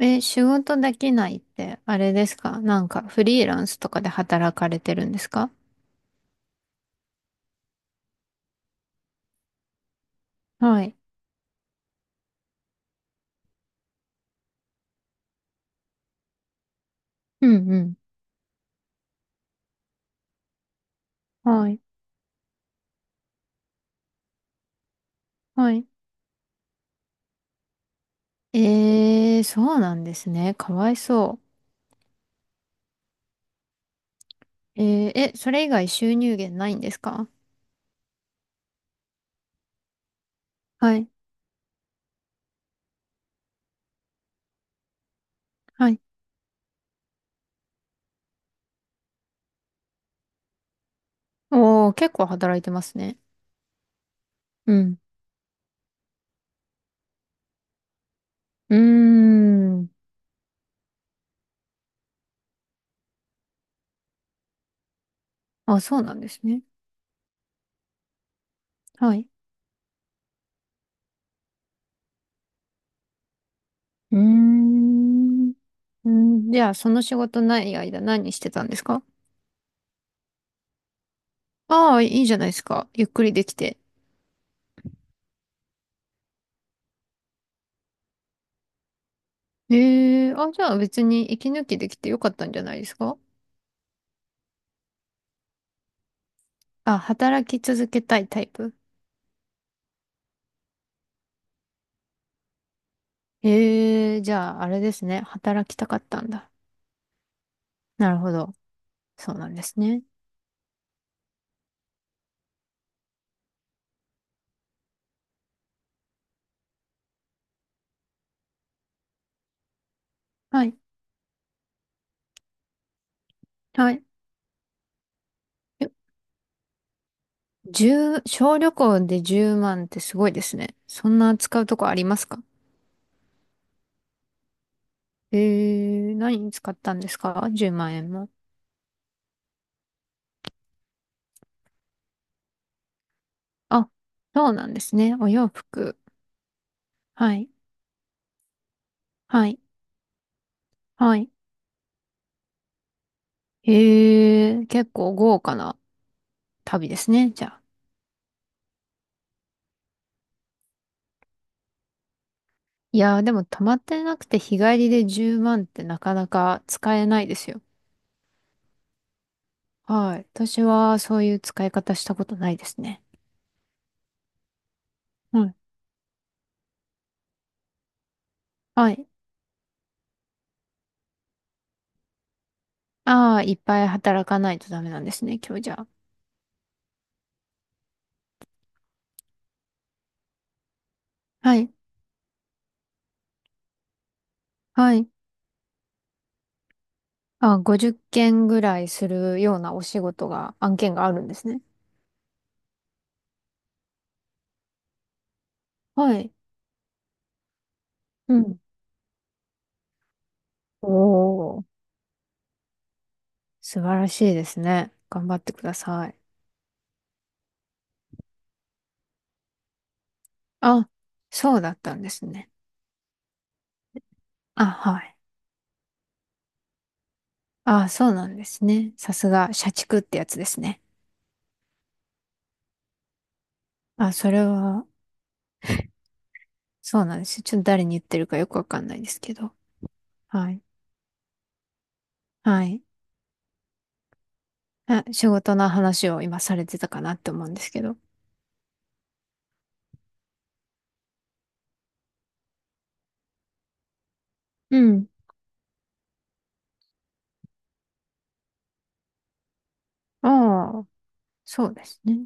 え、仕事できないって、あれですか？なんか、フリーランスとかで働かれてるんですか？はい。うんうん。はい。はい。えー、そうなんですね。かわいそう。えー、え、それ以外収入源ないんですか？はい。はい。おー、結構働いてますね。うん。うーん。あ、そうなんですね。はい。うーん。うん、じゃあ、その仕事ない間何してたんですか？ああー、いいじゃないですか。ゆっくりできて。ええ、あ、じゃあ別に息抜きできてよかったんじゃないですか？あ、働き続けたいタイプ？ええ、じゃあ、あれですね。働きたかったんだ。なるほど。そうなんですね。はい。はい。えじゅう小旅行で10万ってすごいですね。そんな使うとこありますか？ええ、何に使ったんですか？ 10 万円も。あ、そうなんですね。お洋服。はい。はい。はい。ええ、結構豪華な旅ですね、じゃあ。いやー、でも溜まってなくて日帰りで10万ってなかなか使えないですよ。はい。私はそういう使い方したことないですね。はい。はい。ああ、いっぱい働かないとダメなんですね、今日じゃあ。はい。はい。あ、50件ぐらいするようなお仕事が、案件があるんですね。はい。うん。おー、素晴らしいですね。頑張ってください。あ、そうだったんですね。あ、はい。あ、そうなんですね。さすが、社畜ってやつですね。あ、それは、そうなんですよ。ちょっと誰に言ってるかよくわかんないですけど。はい。はい。あ、仕事の話を今されてたかなって思うんですけど。うん。ああ、そうですね。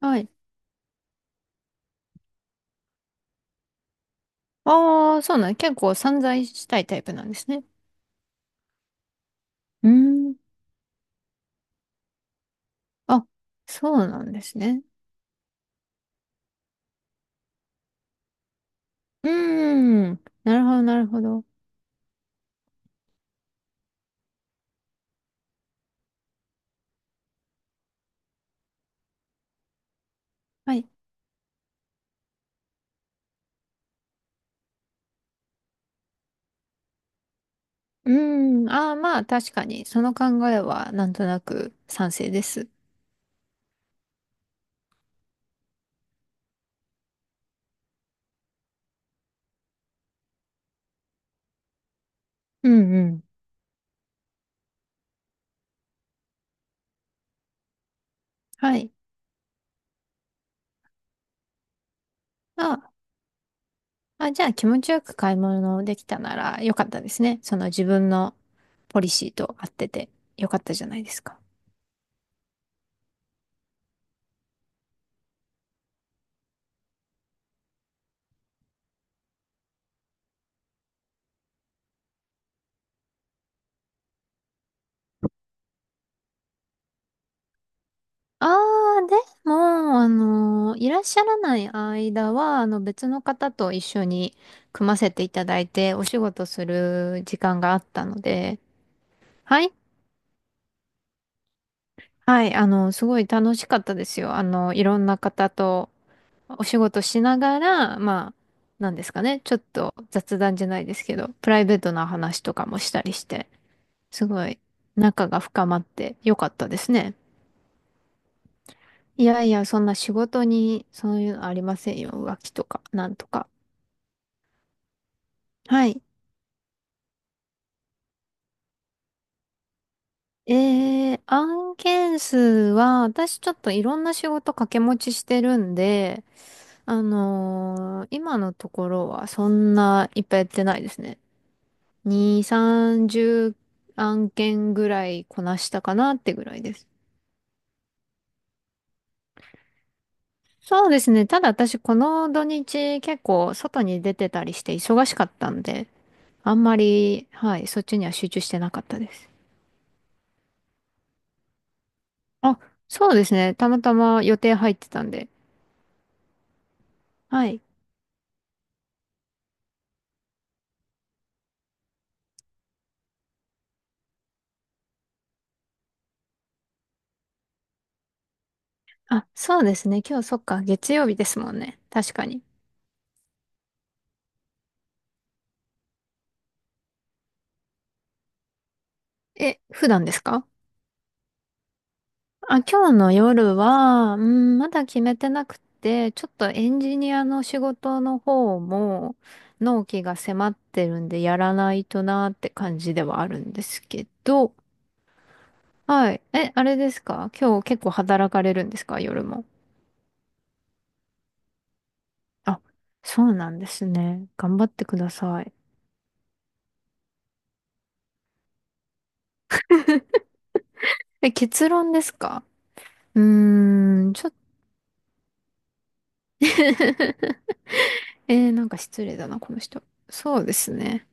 はい。ああ、そうなん、結構散財したいタイプなんですね。うーん。あ、そうなんですね。うーん。なるほど、なるほど。はい。うーん。ああ、まあ、確かに、その考えはなんとなく賛成です。うんうん。はい。ああ、じゃあ気持ちよく買い物できたならよかったですね。その自分のポリシーと合っててよかったじゃないですか。ああ、でも、あの、いらっしゃらない間は、あの、別の方と一緒に組ませていただいて、お仕事する時間があったので、はい、はい、あの、すごい楽しかったですよ。あの、いろんな方とお仕事しながら、まあ、なんですかね、ちょっと雑談じゃないですけど、プライベートな話とかもしたりして。すごい仲が深まってよかったですね。いやいや、そんな仕事にそういうのありませんよ。浮気とか、なんとか。はい。案件数は、私ちょっといろんな仕事掛け持ちしてるんで、今のところはそんないっぱいやってないですね。2、30案件ぐらいこなしたかなってぐらいです。そうですね。ただ私この土日結構外に出てたりして忙しかったんで、あんまり、はい、そっちには集中してなかったです。あ、そうですね。たまたま予定入ってたんで。はい。あ、そうですね。今日そっか、月曜日ですもんね。確かに。え、普段ですか？あ、今日の夜は、うん、まだ決めてなくて、ちょっとエンジニアの仕事の方も、納期が迫ってるんで、やらないとなーって感じではあるんですけど、はい。え、あれですか？今日結構働かれるんですか？夜も。あ、そうなんですね。頑張ってください。え、結論ですか？うーん、ちょっと えー、なんか失礼だな、この人。そうですね。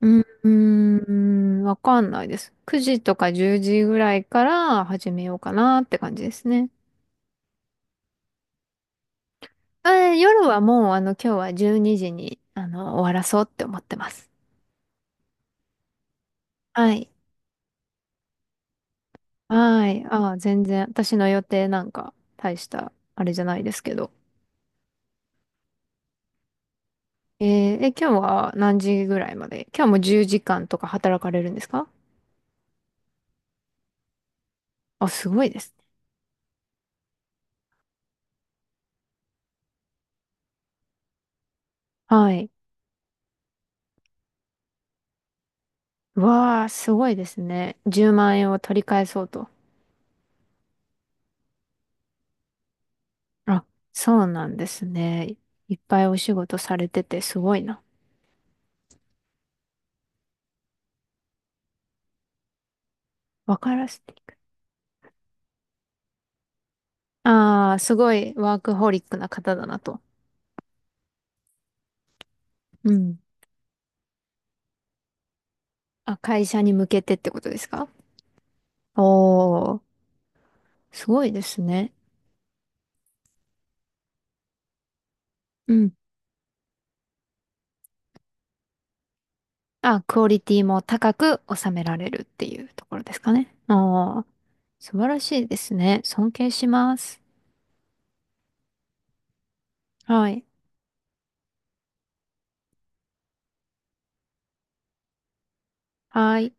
うーん、わかんないです。9時とか10時ぐらいから始めようかなって感じですね。夜はもう、あの、今日は12時に、終わらそうって思ってます。はい。はい。ああ、全然、私の予定なんか、大した、あれじゃないですけど。ええ、今日は何時ぐらいまで、今日も10時間とか働かれるんですか？あ、すごいですね。はい。わあ、すごいですね。10万円を取り返そうと。あ、そうなんですね。いっぱいお仕事されててすごいな。わからせていく。ああ、すごいワークホリックな方だなと。うん。あ、会社に向けてってことですか？おー、すごいですね。うん。あ、クオリティも高く収められるっていうところですかね。あー、素晴らしいですね。尊敬します。はい。はい。